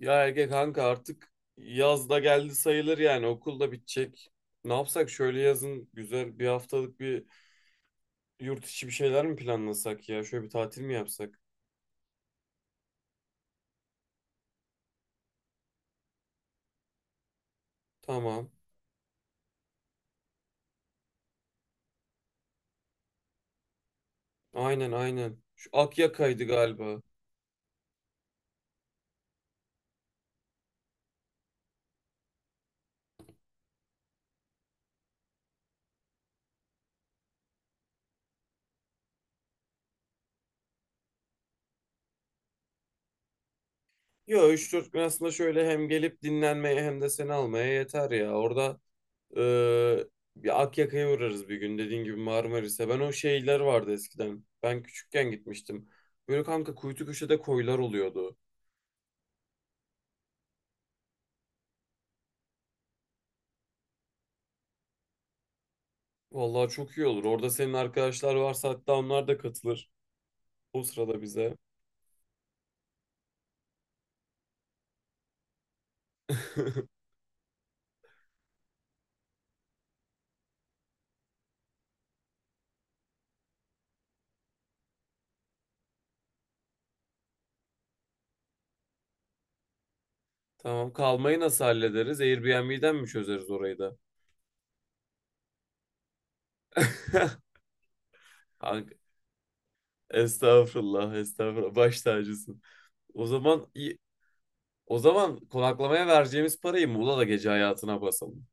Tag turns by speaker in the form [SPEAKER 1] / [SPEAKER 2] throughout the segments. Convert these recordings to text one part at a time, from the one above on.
[SPEAKER 1] Ya Ege kanka artık yaz da geldi sayılır yani okul da bitecek. Ne yapsak şöyle yazın güzel bir haftalık bir yurt içi bir şeyler mi planlasak ya? Şöyle bir tatil mi yapsak? Tamam. Aynen aynen. Şu Akyaka'ydı galiba. Yo, üç dört gün aslında şöyle hem gelip dinlenmeye hem de seni almaya yeter ya. Orada eee, bir Akyaka'ya uğrarız bir gün, dediğin gibi Marmaris'e. Ben o şeyler vardı eskiden. Ben küçükken gitmiştim. Böyle kanka kuytu köşede koylar oluyordu. Vallahi çok iyi olur. Orada senin arkadaşlar varsa hatta onlar da katılır. O sırada bize. Tamam, kalmayı nasıl hallederiz? Airbnb'den mi çözeriz orayı da? Kanka, estağfurullah, estağfurullah. Baş tacısın. O zaman iyi- o zaman konaklamaya vereceğimiz parayı Muğla'da gece hayatına basalım.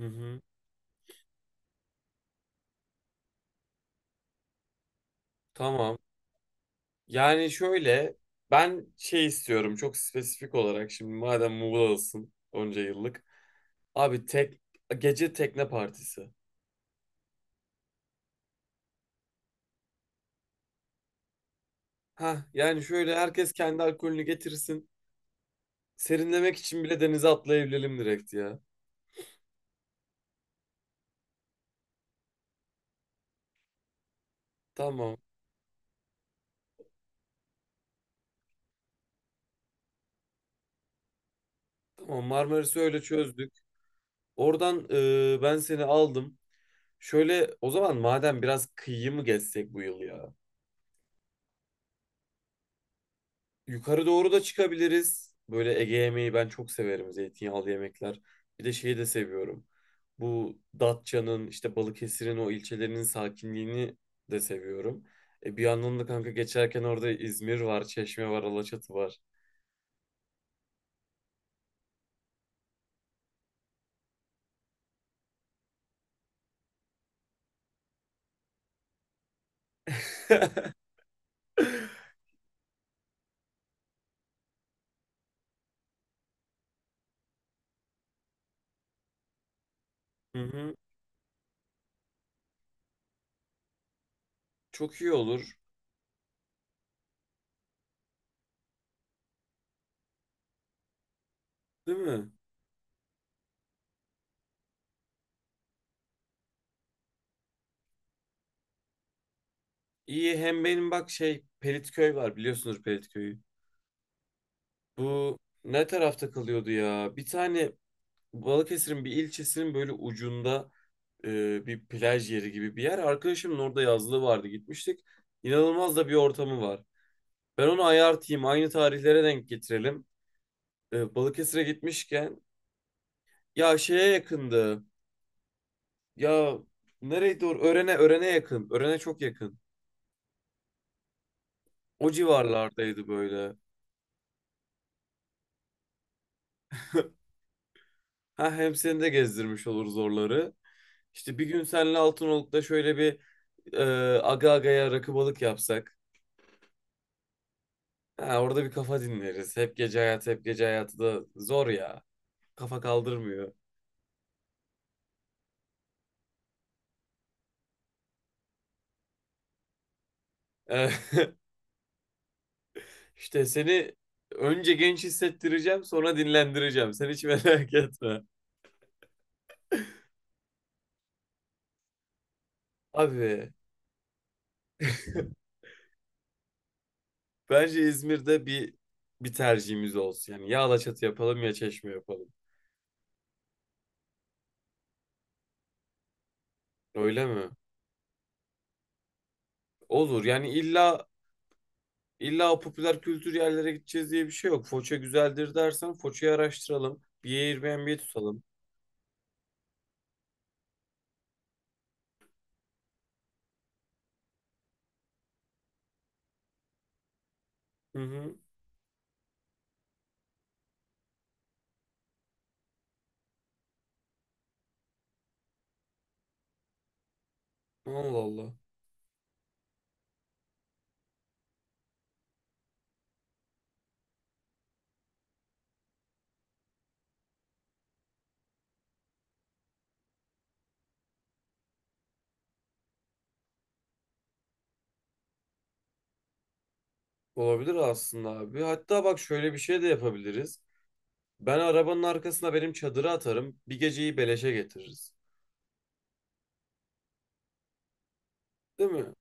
[SPEAKER 1] Hı hı. Tamam. Yani şöyle ben şey istiyorum, çok spesifik olarak, şimdi madem Muğla'dasın onca yıllık. Abi, tek gece tekne partisi. Ha yani şöyle herkes kendi alkolünü getirsin. Serinlemek için bile denize atlayabilelim direkt ya. Tamam. Tamam, Marmaris'i öyle çözdük. Oradan ben seni aldım. Şöyle o zaman, madem, biraz kıyı mı gezsek bu yıl ya? Yukarı doğru da çıkabiliriz. Böyle Ege yemeği ben çok severim. Zeytinyağlı yemekler. Bir de şeyi de seviyorum. Bu Datça'nın, işte Balıkesir'in o ilçelerinin sakinliğini de seviyorum. Bir yandan da kanka geçerken orada İzmir var, Çeşme var, Alaçatı var. Hı hı. Çok iyi olur. Değil mi? İyi, hem benim bak şey Pelitköy var, biliyorsunuz Pelitköy'ü. Bu ne tarafta kalıyordu ya? Bir tane Balıkesir'in bir ilçesinin böyle ucunda bir plaj yeri gibi bir yer. Arkadaşımın orada yazlığı vardı, gitmiştik. İnanılmaz da bir ortamı var. Ben onu ayartayım, aynı tarihlere denk getirelim. Balıkesir'e gitmişken ya, şeye yakındı. Ya nereye doğru? Örene, Örene yakın. Örene çok yakın. O civarlardaydı böyle. Ha, hem seni de gezdirmiş oluruz oraları. İşte bir gün seninle Altınoluk'ta şöyle bir e, aga agaya rakı balık yapsak. Ha, orada bir kafa dinleriz. Hep gece hayatı, hep gece hayatı da zor ya. Kafa kaldırmıyor. E, işte seni önce genç hissettireceğim, sonra dinlendireceğim. Sen hiç merak etme. Abi bence İzmir'de bir tercihimiz olsun. Yani ya Alaçatı yapalım ya Çeşme yapalım. Öyle mi? Olur. Yani İlla o popüler kültür yerlere gideceğiz diye bir şey yok. Foça güzeldir dersen Foça'yı araştıralım. Bir Airbnb tutalım. Hı hı. Allah Allah. Olabilir aslında abi. Hatta bak, şöyle bir şey de yapabiliriz. Ben arabanın arkasına benim çadırı atarım. Bir geceyi beleşe getiririz. Değil mi?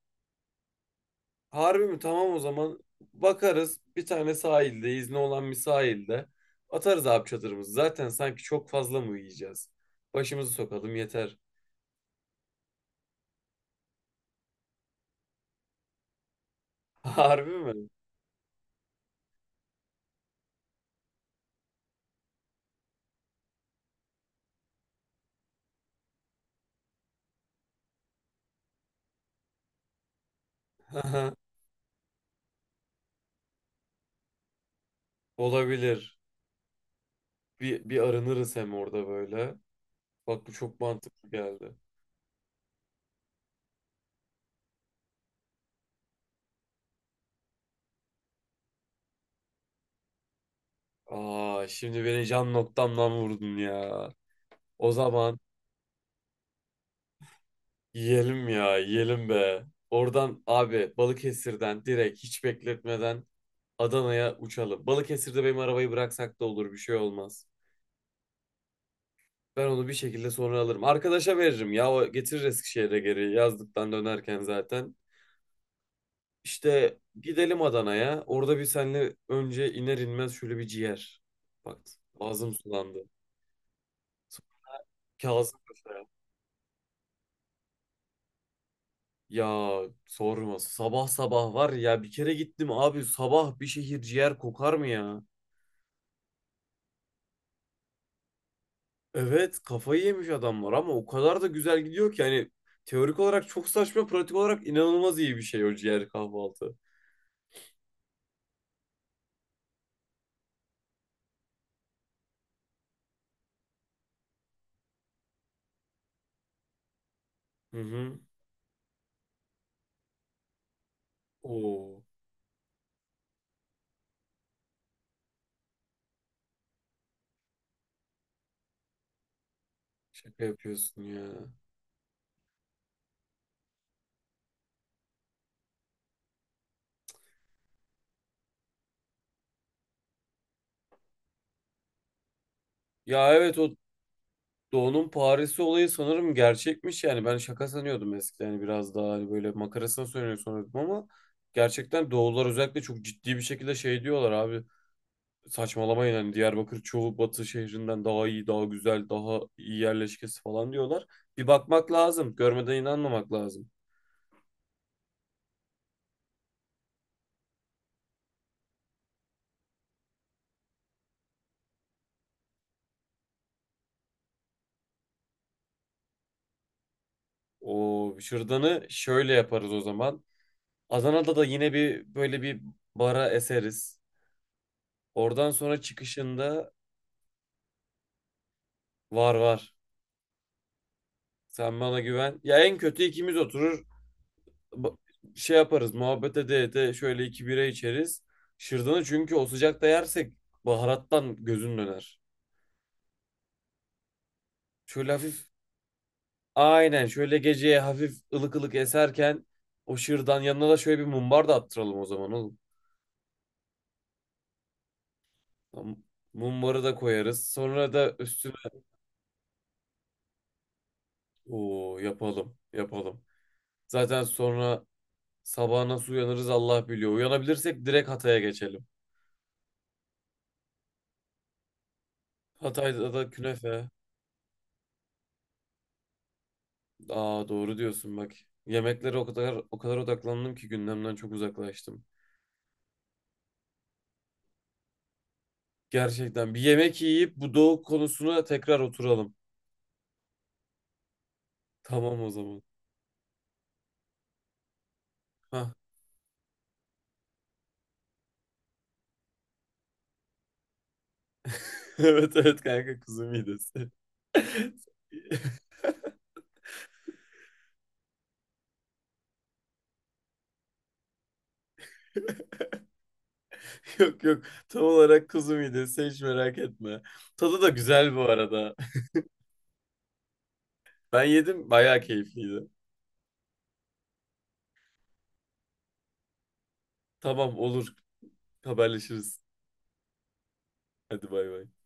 [SPEAKER 1] Harbi mi? Tamam o zaman. Bakarız bir tane sahilde, izni olan bir sahilde. Atarız abi çadırımızı. Zaten sanki çok fazla mı yiyeceğiz? Başımızı sokalım yeter. Harbi mi? Olabilir. Bir arınırız hem orada böyle. Bak, bu çok mantıklı geldi. Aa, şimdi beni can noktamdan vurdun ya. O zaman yiyelim ya, yiyelim be. Oradan abi, Balıkesir'den direkt hiç bekletmeden Adana'ya uçalım. Balıkesir'de benim arabayı bıraksak da olur, bir şey olmaz. Ben onu bir şekilde sonra alırım. Arkadaşa veririm, ya o getirir Eskişehir'e geri, yazdıktan dönerken zaten. İşte gidelim Adana'ya. Orada bir, senle önce iner inmez şöyle bir ciğer. Bak ağzım sulandı. Sonra Kazım Paşa'ya. Ya sorma. Sabah sabah var ya, bir kere gittim abi, sabah bir şehir ciğer kokar mı ya? Evet, kafayı yemiş adamlar, ama o kadar da güzel gidiyor ki, yani teorik olarak çok saçma, pratik olarak inanılmaz iyi bir şey o ciğer kahvaltı. Hı hı. Oo, şaka yapıyorsun ya. Ya evet, o Doğu'nun Paris'i olayı sanırım gerçekmiş, yani ben şaka sanıyordum eskiden, hani biraz daha hani böyle makarasına söylüyor sanıyordum, ama gerçekten Doğular özellikle çok ciddi bir şekilde şey diyorlar abi, saçmalamayın, hani Diyarbakır çoğu batı şehrinden daha iyi, daha güzel, daha iyi yerleşkesi falan diyorlar. Bir bakmak lazım, görmeden inanmamak lazım. O şırdanı şöyle yaparız o zaman, Adana'da da yine bir böyle bir bara eseriz, oradan sonra çıkışında var var. Sen bana güven. Ya en kötü ikimiz oturur, ba- şey yaparız, muhabbet ede ede şöyle iki bira içeriz. Şırdanı çünkü o sıcakta yersek baharattan gözün döner. Şöyle hafif, aynen, şöyle geceye hafif ılık ılık eserken o şırdan yanına da şöyle bir mumbar da attıralım o zaman oğlum. Tam mumbarı da koyarız. Sonra da üstüne o yapalım, yapalım. Zaten sonra sabah nasıl uyanırız Allah biliyor. Uyanabilirsek direkt Hatay'a geçelim. Hatay'da da künefe. Aa, doğru diyorsun bak. Yemeklere o kadar o kadar odaklandım ki gündemden çok uzaklaştım. Gerçekten bir yemek yiyip bu doğu konusuna tekrar oturalım. Tamam o zaman. Hah. Evet evet kanka, kuzu midesi. Yok yok, tam olarak kuzu midesi, hiç merak etme. Tadı da güzel bu arada. Ben yedim, bayağı keyifliydi. Tamam, olur, haberleşiriz. Hadi, bay bay.